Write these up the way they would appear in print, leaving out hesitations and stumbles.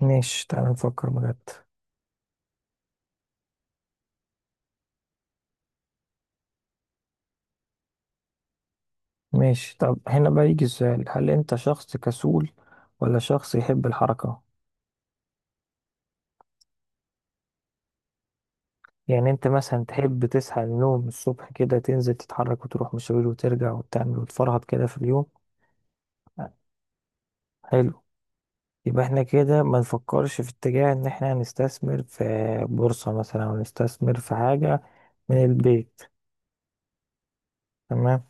ماشي، تعال نفكر بجد. ماشي، طب هنا بقى يجي السؤال، هل انت شخص كسول ولا شخص يحب الحركة؟ يعني انت مثلا تحب تصحى من النوم الصبح كده، تنزل تتحرك وتروح مشاوير وترجع وتعمل وتفرهد كده في اليوم؟ حلو. يبقى احنا كده ما نفكرش في اتجاه ان احنا هنستثمر في بورصة مثلا او نستثمر في حاجة من البيت. تمام.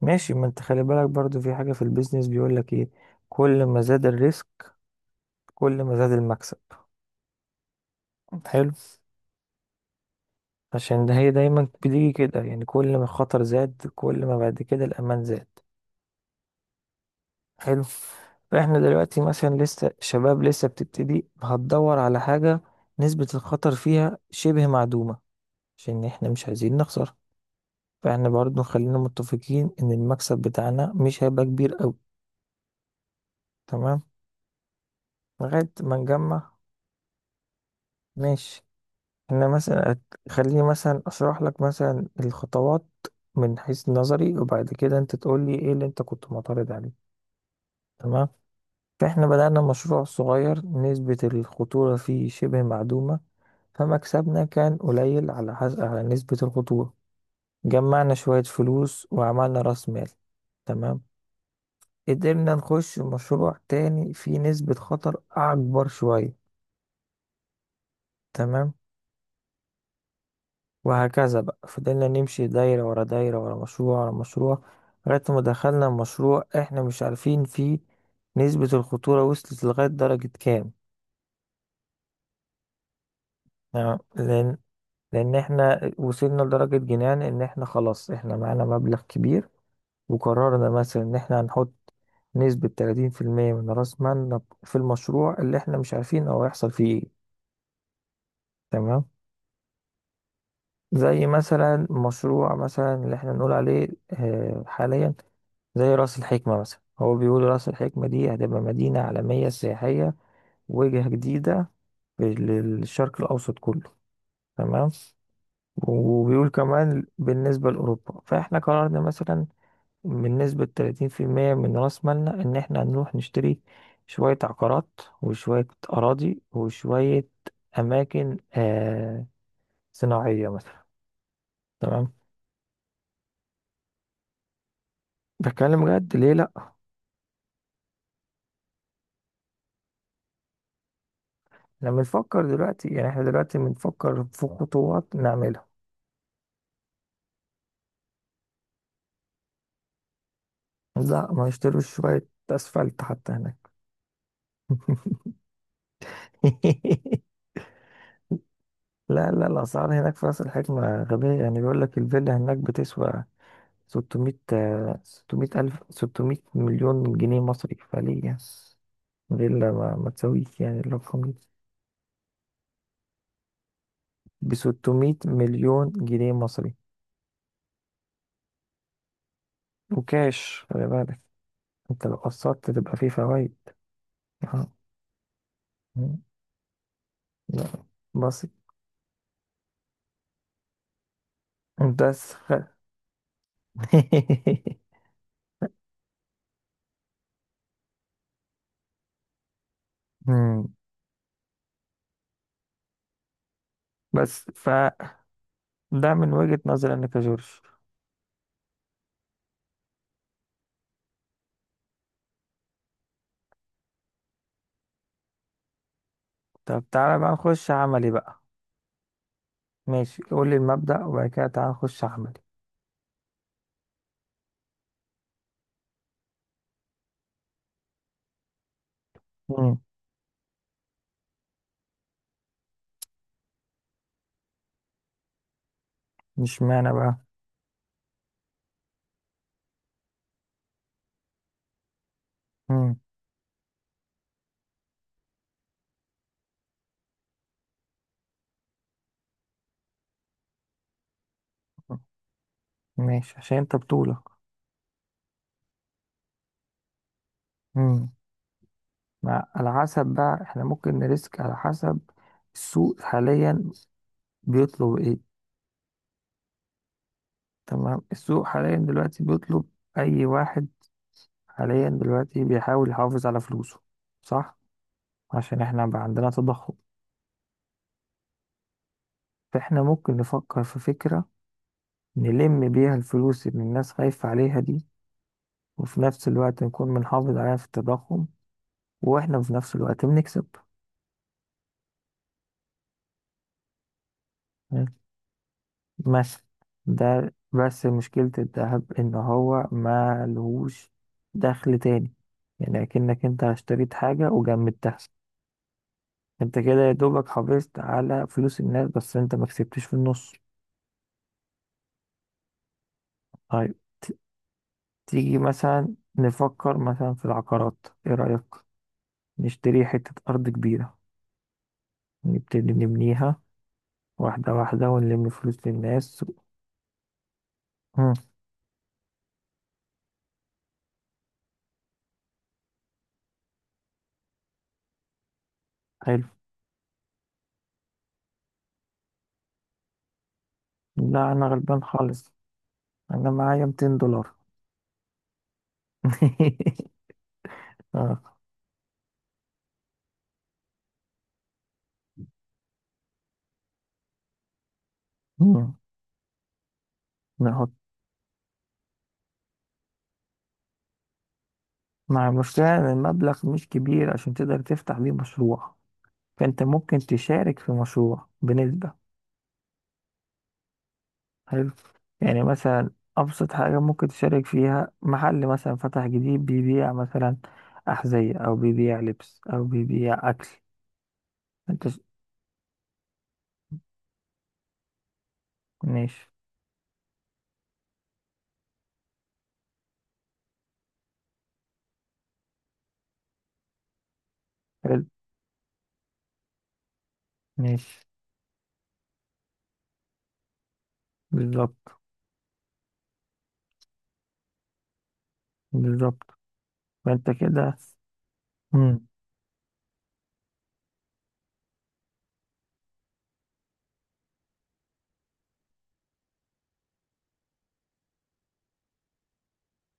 ماشي، ما انت خلي بالك برضو، في حاجة في البيزنس بيقول لك ايه، كل ما زاد الريسك كل ما زاد المكسب. حلو. عشان ده هي دايما بتيجي كده، يعني كل ما الخطر زاد كل ما بعد كده الأمان زاد. حلو. فاحنا دلوقتي مثلا لسه شباب، لسه بتبتدي هتدور على حاجة نسبة الخطر فيها شبه معدومة، عشان احنا مش عايزين نخسر. فاحنا برضو خلينا متفقين ان المكسب بتاعنا مش هيبقى كبير قوي، تمام، لغاية ما نجمع. ماشي، احنا مثلا خليني مثلا اشرح لك مثلا الخطوات من حيث نظري، وبعد كده انت تقول لي ايه اللي انت كنت معترض عليه. تمام. فإحنا بدأنا مشروع صغير نسبة الخطورة فيه شبه معدومة، فمكسبنا كان قليل على حسب على نسبة الخطورة. جمعنا شوية فلوس وعملنا رأس مال. تمام. قدرنا نخش مشروع تاني فيه نسبة خطر أكبر شوية. تمام. وهكذا بقى، فضلنا نمشي دايرة ورا دايرة، ورا مشروع ورا مشروع، لغاية ما دخلنا مشروع إحنا مش عارفين فيه نسبة الخطورة وصلت لغاية درجة كام. تمام؟ لأن، لان احنا وصلنا لدرجة جنان ان احنا خلاص احنا معانا مبلغ كبير، وقررنا مثلا ان احنا هنحط نسبة 30% من راس مالنا في المشروع اللي احنا مش عارفين هو هيحصل فيه ايه. تمام. زي مثلا مشروع مثلا اللي احنا نقول عليه حاليا، زي راس الحكمة مثلا. هو بيقول راس الحكمة دي هتبقى مدينة عالمية سياحية، وجهة جديدة للشرق الأوسط كله، تمام، وبيقول كمان بالنسبة لأوروبا. فإحنا قررنا مثلا من نسبة 30% من رأس مالنا إن إحنا نروح نشتري شوية عقارات وشوية أراضي وشوية أماكن صناعية مثلا. تمام. بتكلم بجد، ليه لأ؟ إحنا بنفكر دلوقتي، يعني إحنا دلوقتي بنفكر في خطوات نعملها. لأ، ما نشتروش شوية أسفلت حتى هناك. لا لا، الأسعار هناك في راس الحكمة غبية. يعني بيقول لك الفيلا هناك بتسوى 600، 600 ألف، 600 مليون جنيه مصري. فليه يعني فيلا ما تسويش يعني الرقم ده ب 600 مليون جنيه مصري وكاش؟ خلي بالك، انت لو قسطت تبقى فيه فوائد. آه. لا، بسيط. بس خ... مم. بس فده من وجهة نظري انا كجورج. طب تعالى بقى نخش عملي بقى. ماشي، قول لي المبدأ وبعد كده تعالى نخش عملي. مم. مش معنى بقى. مم. ماشي، عشان انت بطولك. امم. مع على حسب بقى، احنا ممكن نريسك على حسب السوق حاليا بيطلب ايه. تمام، السوق حاليا دلوقتي بيطلب اي واحد حاليا دلوقتي بيحاول يحافظ على فلوسه، صح؟ عشان احنا بقى عندنا تضخم. فاحنا ممكن نفكر في فكرة نلم بيها الفلوس اللي الناس خايفة عليها دي، وفي نفس الوقت نكون بنحافظ عليها في التضخم، واحنا في نفس الوقت بنكسب. مثلا. ده بس مشكلة الذهب، إن هو ما لهوش دخل تاني. يعني أكنك أنت اشتريت حاجة وجمدتها. أنت كده يا دوبك حافظت على فلوس الناس، بس أنت ما كسبتش في النص. طيب. تيجي مثلا نفكر مثلا في العقارات، إيه رأيك؟ نشتري حتة أرض كبيرة، نبتدي نبنيها واحدة واحدة ونلم فلوس للناس. مم. حلو. لا أنا غلبان خالص، أنا معايا 200 دولار. آه. بنحط، مع المشكلة إن المبلغ مش كبير عشان تقدر تفتح بيه مشروع، فأنت ممكن تشارك في مشروع بنسبة. حلو. يعني مثلا أبسط حاجة ممكن تشارك فيها، محل مثلا فتح جديد بيبيع مثلا أحذية أو بيبيع لبس أو بيبيع أكل. أنت ش- ماشي. حلو. ماشي. بالظبط. بالظبط. فأنت كده. مم.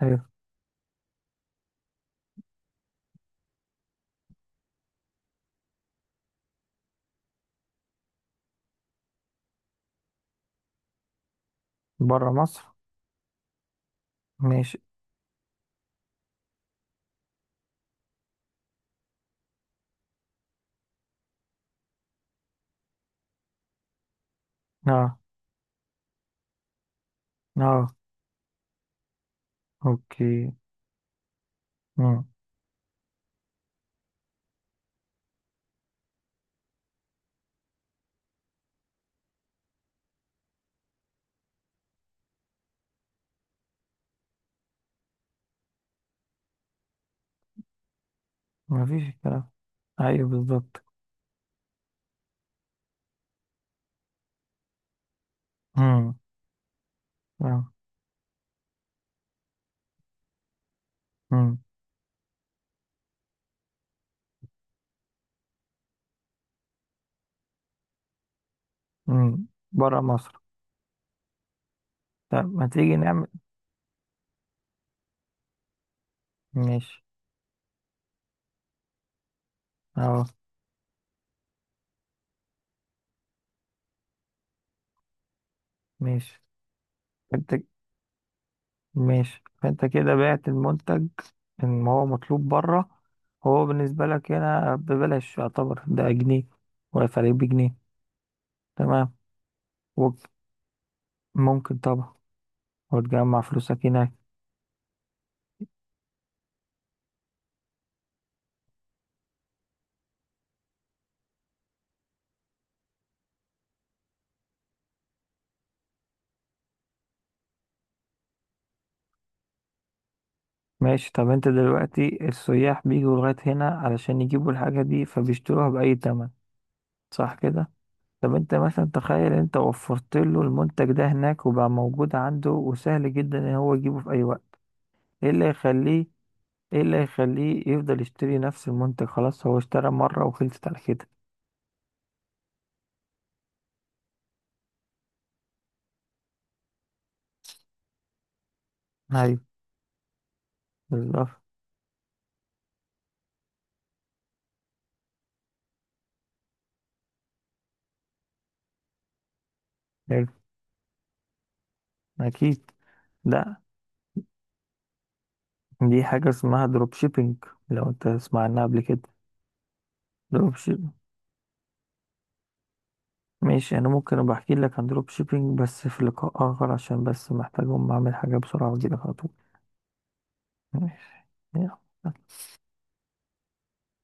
حلو. برا مصر. ماشي. اه. اه. اوكي. مم. مفيش الكلام. ايوه بالظبط. امم. اه. امم. امم، بره مصر. طب ما تيجي نعمل. ماشي. اهو. ماشي. انت. ماشي. فانت كده بعت المنتج ان هو مطلوب بره، هو بالنسبة لك هنا ببلاش، يعتبر ده جنيه وفرق بجنيه. تمام. وممكن طبعا، وتجمع فلوسك هناك. ماشي. طب انت دلوقتي السياح بيجوا لغاية هنا علشان يجيبوا الحاجة دي، فبيشتروها بأي تمن، صح كده؟ طب انت مثلا تخيل انت وفرت له المنتج ده هناك وبقى موجود عنده وسهل جدا ان هو يجيبه في اي وقت، ايه اللي يخليه، ايه اللي يخليه يفضل يشتري نفس المنتج؟ خلاص هو اشترى مرة وخلصت على كده. ايوه، بالظبط. حلو. اكيد. لا، دي حاجة اسمها دروب شيبينج، لو انت تسمع عنها قبل كده. دروب شيبينج. ماشي، انا ممكن ابقى احكي لك عن دروب شيبينج بس في لقاء اخر، عشان بس محتاج اقوم اعمل حاجة بسرعة واجيلك على طول. ماشي. يلا.